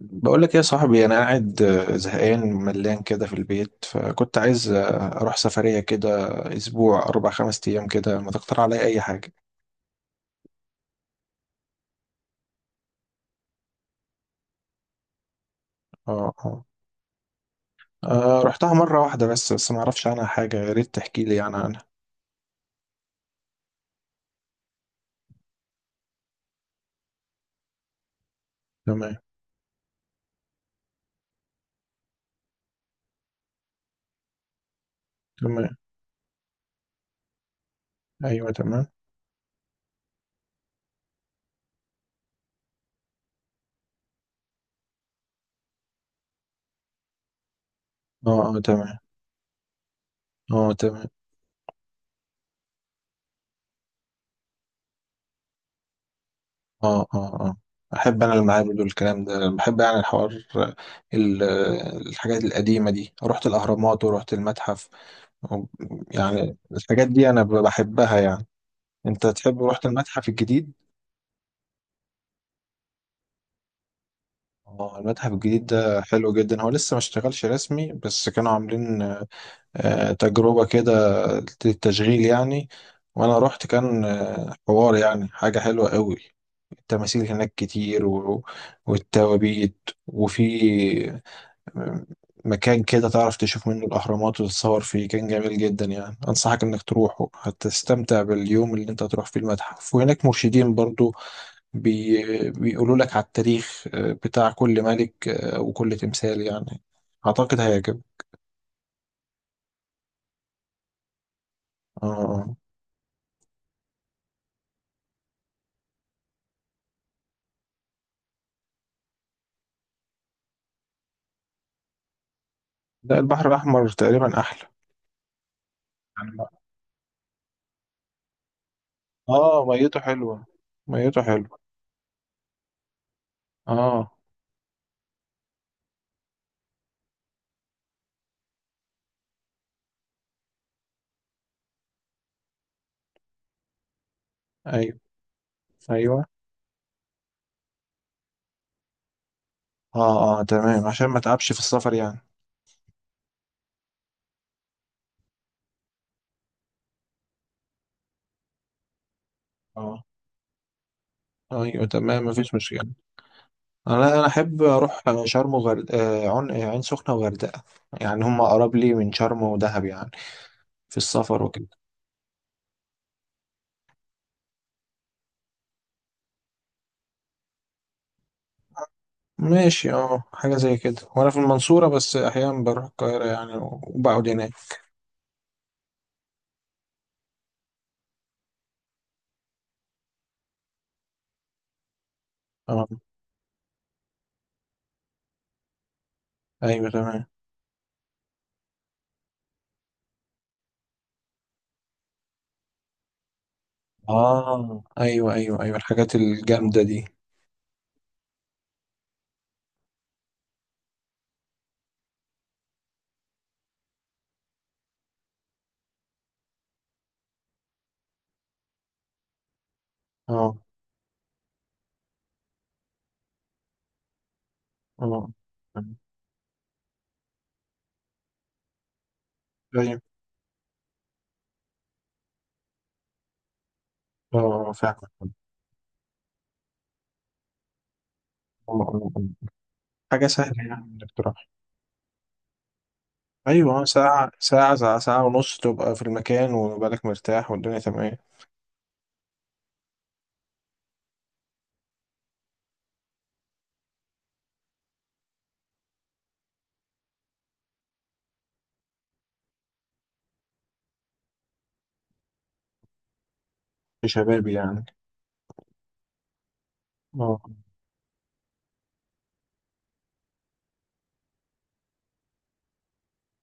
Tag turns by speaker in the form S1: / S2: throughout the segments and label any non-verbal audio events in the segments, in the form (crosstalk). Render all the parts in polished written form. S1: بقول لك إيه يا صاحبي، انا قاعد زهقان ملان كده في البيت، فكنت عايز اروح سفرية كده اسبوع اربع خمس ايام كده. ما تقترح عليا اي حاجة؟ اه، اه. رحتها مرة واحدة بس ما اعرفش عنها حاجة. يا ريت تحكي لي يعني عنها. تمام. تمام. ايوه، تمام. اه، اه تمام. اه تمام. اه، اه، اه. احب انا المعابد والكلام ده، بحب يعني الحوار. الحاجات القديمة دي، رحت الاهرامات ورحت المتحف و- يعني الحاجات دي انا بحبها يعني. انت تحب؟ رحت المتحف الجديد؟ اه، المتحف الجديد ده حلو جدا. هو لسه ما اشتغلش رسمي، بس كانوا عاملين تجربة كده للتشغيل يعني. وانا رحت، كان حوار يعني، حاجة حلوة قوي. التماثيل هناك كتير والتوابيت، وفي آه، مكان كده تعرف تشوف منه الأهرامات وتتصور فيه، كان جميل جدا يعني. أنصحك إنك تروحه، هتستمتع باليوم اللي أنت هتروح فيه المتحف. وهناك مرشدين برضو بيقولوا لك على التاريخ بتاع كل ملك وكل تمثال يعني. أعتقد هيعجبك. آه، آه. لا، البحر الأحمر تقريبا أحلى. آه، ميته حلوة، ميته حلوة. آه، أيوه، أيوه. آه، آه تمام، عشان ما تعبش في السفر يعني. آه، أيوه تمام، مفيش مشكلة. أنا أحب أروح شرم عين سخنة وغردقة، يعني هم أقرب لي من شرم ودهب يعني في السفر وكده. ماشي، اه، حاجة زي كده. وانا في المنصورة، بس احيانا بروح القاهرة يعني وبقعد هناك. اه، ايوه تمام. اه، ايوه، ايوه، ايوه، الحاجات الجامدة دي. اه، اه، ايوه، اه فعلا. آه، آه. حاجة سهلة يعني انك تروح. ايوه، ساعة، ساعة ونص، تبقى في المكان وبالك مرتاح والدنيا تمام. في شبابي يعني. اه،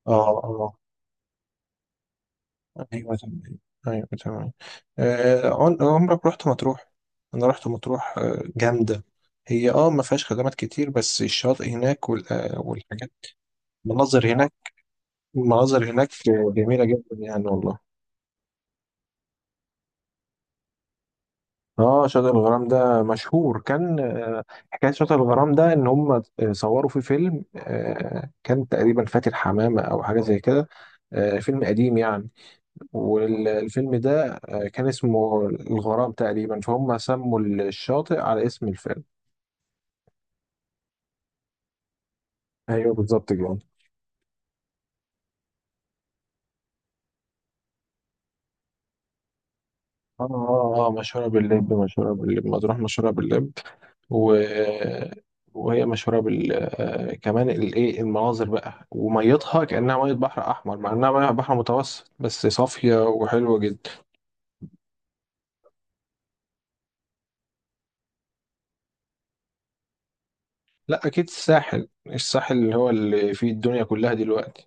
S1: اه، اه. ايوه، تمام. ايوه، تمام. عمرك رحت مطروح؟ انا رحت مطروح، جامده. هي ما فيهاش خدمات كتير، بس الشاطئ هناك والحاجات، المناظر هناك المناظر هناك جميله جدا يعني، والله. اه، شاطئ الغرام ده مشهور. كان حكايه شاطئ الغرام ده ان هم صوروا فيه فيلم كان تقريبا فاتن حمامه او حاجه زي كده. فيلم قديم يعني. والفيلم ده كان اسمه الغرام تقريبا، فهم سموا الشاطئ على اسم الفيلم. ايوه، بالظبط كده. اه، اه، اه، مشهورة باللب، مشهورة باللب، مطروح مشهورة باللب. و... وهي مشهورة بال آه، كمان المناظر بقى، وميتها كأنها مية بحر أحمر مع إنها مية بحر متوسط، بس صافية وحلوة جدا. لا، أكيد الساحل اللي هو اللي فيه الدنيا كلها دلوقتي.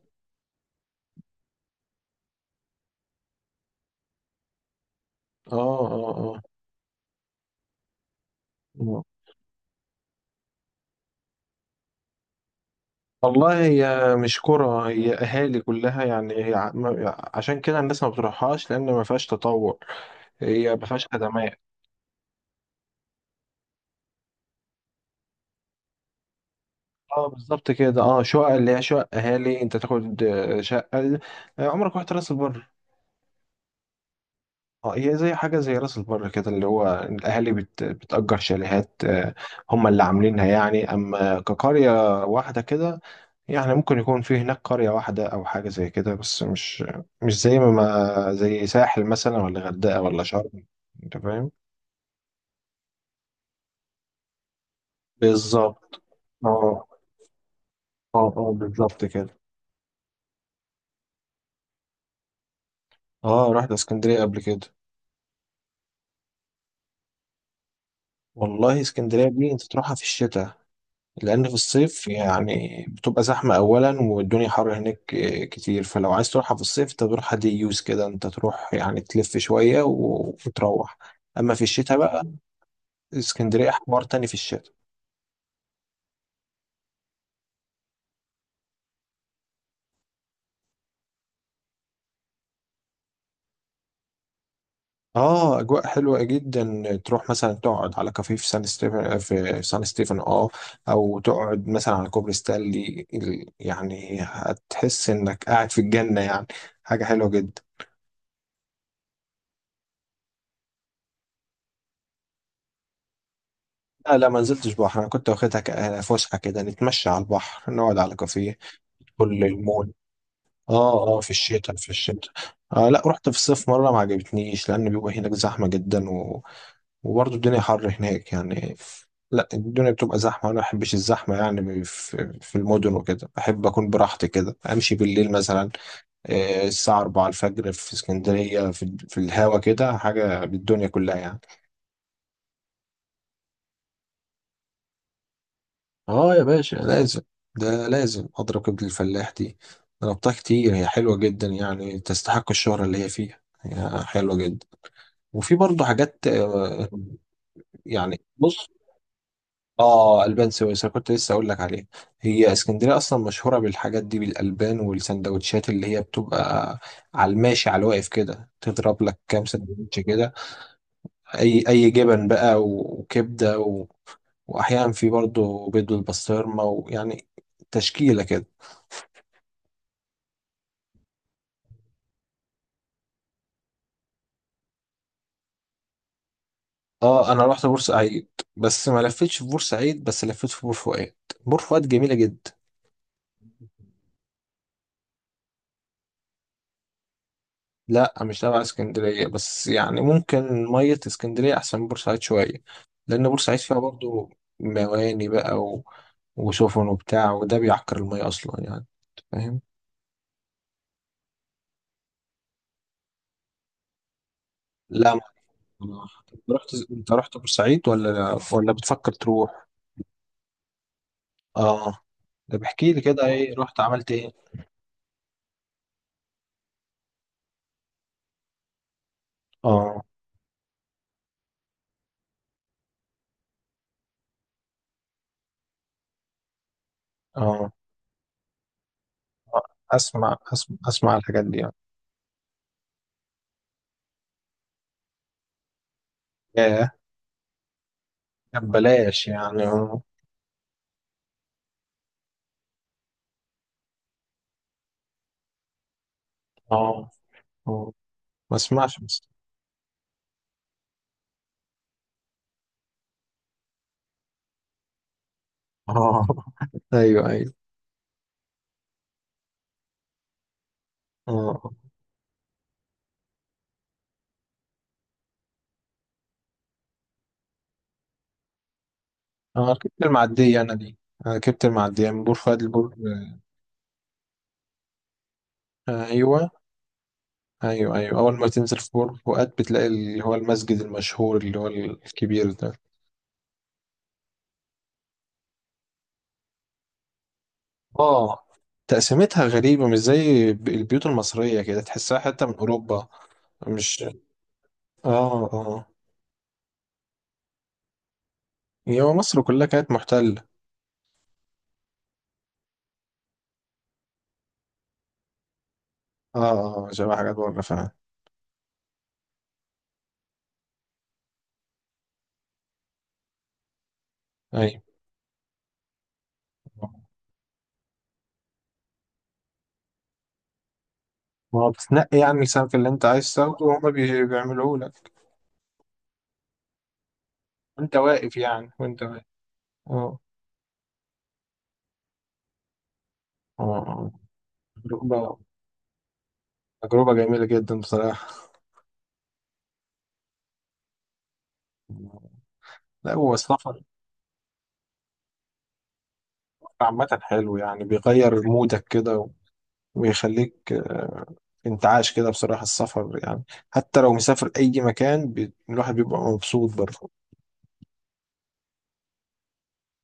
S1: اه، اه، اه. والله هي مش كرة، هي أهالي كلها يعني. هي عشان كده الناس ما بتروحهاش، لأن ما فيهاش تطور، هي ما فيهاش خدمات. اه، بالظبط كده. اه، شقق اللي هي شقق أهالي، أنت تاخد شقة. عمرك رحت راس البر؟ اه، هي زي حاجة زي راس البر كده، اللي هو الأهالي بتأجر شاليهات هم اللي عاملينها يعني، أما كقرية واحدة كده، يعني ممكن يكون في هناك قرية واحدة أو حاجة زي كده، بس مش زي زي ساحل مثلا ولا غردقة ولا شرم. أنت فاهم؟ بالظبط. اه، اه، اه، بالظبط كده. اه، رحت اسكندرية قبل كده. والله اسكندرية دي، أنت تروحها في الشتاء، لأن في الصيف يعني بتبقى زحمة أولا، والدنيا حر هناك كتير. فلو عايز تروحها في الصيف، أنت تروحها دي يوز كده، أنت تروح يعني تلف شوية وتروح. أما في الشتاء بقى، اسكندرية حوار تاني في الشتاء. اه، اجواء حلوه جدا. تروح مثلا تقعد على كافيه في سان ستيفن، اه. او تقعد مثلا على كوبري ستانلي يعني هتحس انك قاعد في الجنه يعني، حاجه حلوه جدا. لا، لا، ما نزلتش بحر، انا كنت واخدها فسحه كده، نتمشى على البحر، نقعد على كافيه، كل المول. اه، اه، في الشتاء، في الشتاء. آه لا، رحت في الصيف مره ما عجبتنيش، لان بيبقى هناك زحمه جدا، وبرضه الدنيا حر هناك يعني. لا، الدنيا بتبقى زحمة، وأنا ما بحبش الزحمة يعني في المدن وكده. بحب أكون براحتي كده، أمشي بالليل مثلا الساعة 4 الفجر في اسكندرية، في الهوا كده حاجة بالدنيا كلها يعني. اه، يا باشا، لازم. ده لازم أضرب كبد الفلاح دي. ضربتها كتير، هي حلوة جدا يعني، تستحق الشهرة اللي هي فيها، هي حلوة جدا. وفي برضه حاجات يعني بص، اه، البان سويسرا، كنت لسه اقول لك عليها. هي اسكندريه اصلا مشهوره بالحاجات دي، بالالبان والسندوتشات اللي هي بتبقى على الماشي على الواقف كده، تضرب لك كام سندوتش كده، اي جبن بقى وكبده واحيانا في برضه بيض بالبسطرمه، ويعني تشكيله كده. اه، انا رحت بورسعيد، بس ما لفتش في بورسعيد، بس لفيت في بور فؤاد. بور فؤاد جميله جدا. لا، مش تبع اسكندرية، بس يعني ممكن مية اسكندرية أحسن من بورسعيد شوية، لأن بورسعيد فيها برضو مواني بقى وسفن وبتاع، وده بيعكر المية أصلا يعني. فاهم؟ لا، ما أنت رحت بورسعيد، ولا بتفكر تروح؟ آه. طب احكي لي كده، إيه رحت عملت إيه؟ آه، آه. أسمع، أسمع، أسمع الحاجات دي يعني. ياه. طب بلاش يعني، آه. آه، آه. ما أسمعش بس. آه. (laughs) أيوه، أيوه. آه، آه. انا ركبت المعدية انا دي، انا ركبت المعدية من بور فؤاد لبور ايوه، ايوه، ايوه. اول ما تنزل في بور فؤاد، بتلاقي اللي هو المسجد المشهور، اللي هو الكبير ده. اه، تقسيمتها غريبة، مش زي البيوت المصرية، كده تحسها حتى من اوروبا. مش، اه، اه، هي مصر كلها كانت محتلة. اه، اه، شبه حاجات بره فعلا. ايوه. ما هو بتنقي يعني السمك اللي انت عايز تاخده، وهما بيعملوه لك وانت واقف، يعني وانت واقف. اه، اه. آه. تجربة جميلة جدا بصراحة. لا، هو السفر عامة حلو يعني، بيغير مودك كده ويخليك انتعاش كده بصراحة، السفر يعني حتى لو مسافر أي مكان الواحد بيبقى مبسوط برضه.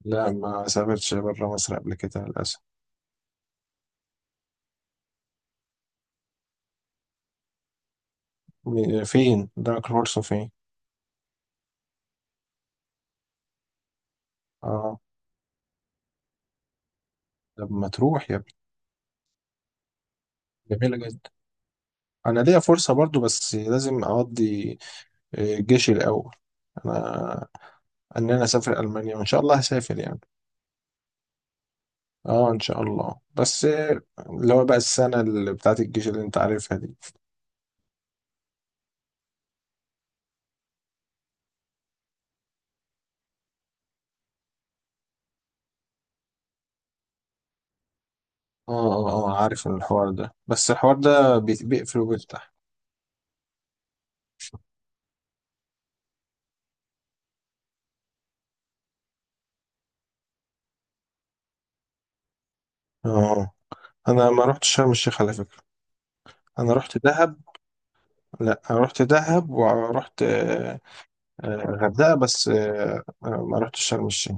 S1: لا، ما سافرتش برا مصر قبل كده للأسف. فين؟ دارك الفرصة فين؟ اه. طب ما تروح يا ابني، جميلة جدا. أنا ليا فرصة برضه، بس لازم أقضي جيشي الأول، أنا إن أنا أسافر ألمانيا، وإن شاء الله هسافر يعني. اه، ان شاء الله، بس اللي هو بقى السنه اللي بتاعت الجيش اللي انت عارفها دي. اه، اه، اه، عارف الحوار ده، بس الحوار ده بيقفل وبيفتح. اه. انا ما رحتش شرم الشيخ على فكره، انا رحت دهب. لا، انا رحت دهب ورحت غردقه، بس ما رحتش شرم الشيخ.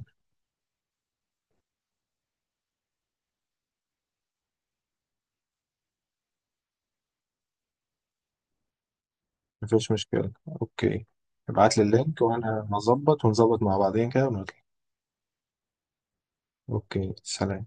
S1: مفيش مشكله. اوكي. ابعت لي اللينك، وانا هظبط ونظبط مع بعضين كده ونطلع. اوكي، سلام.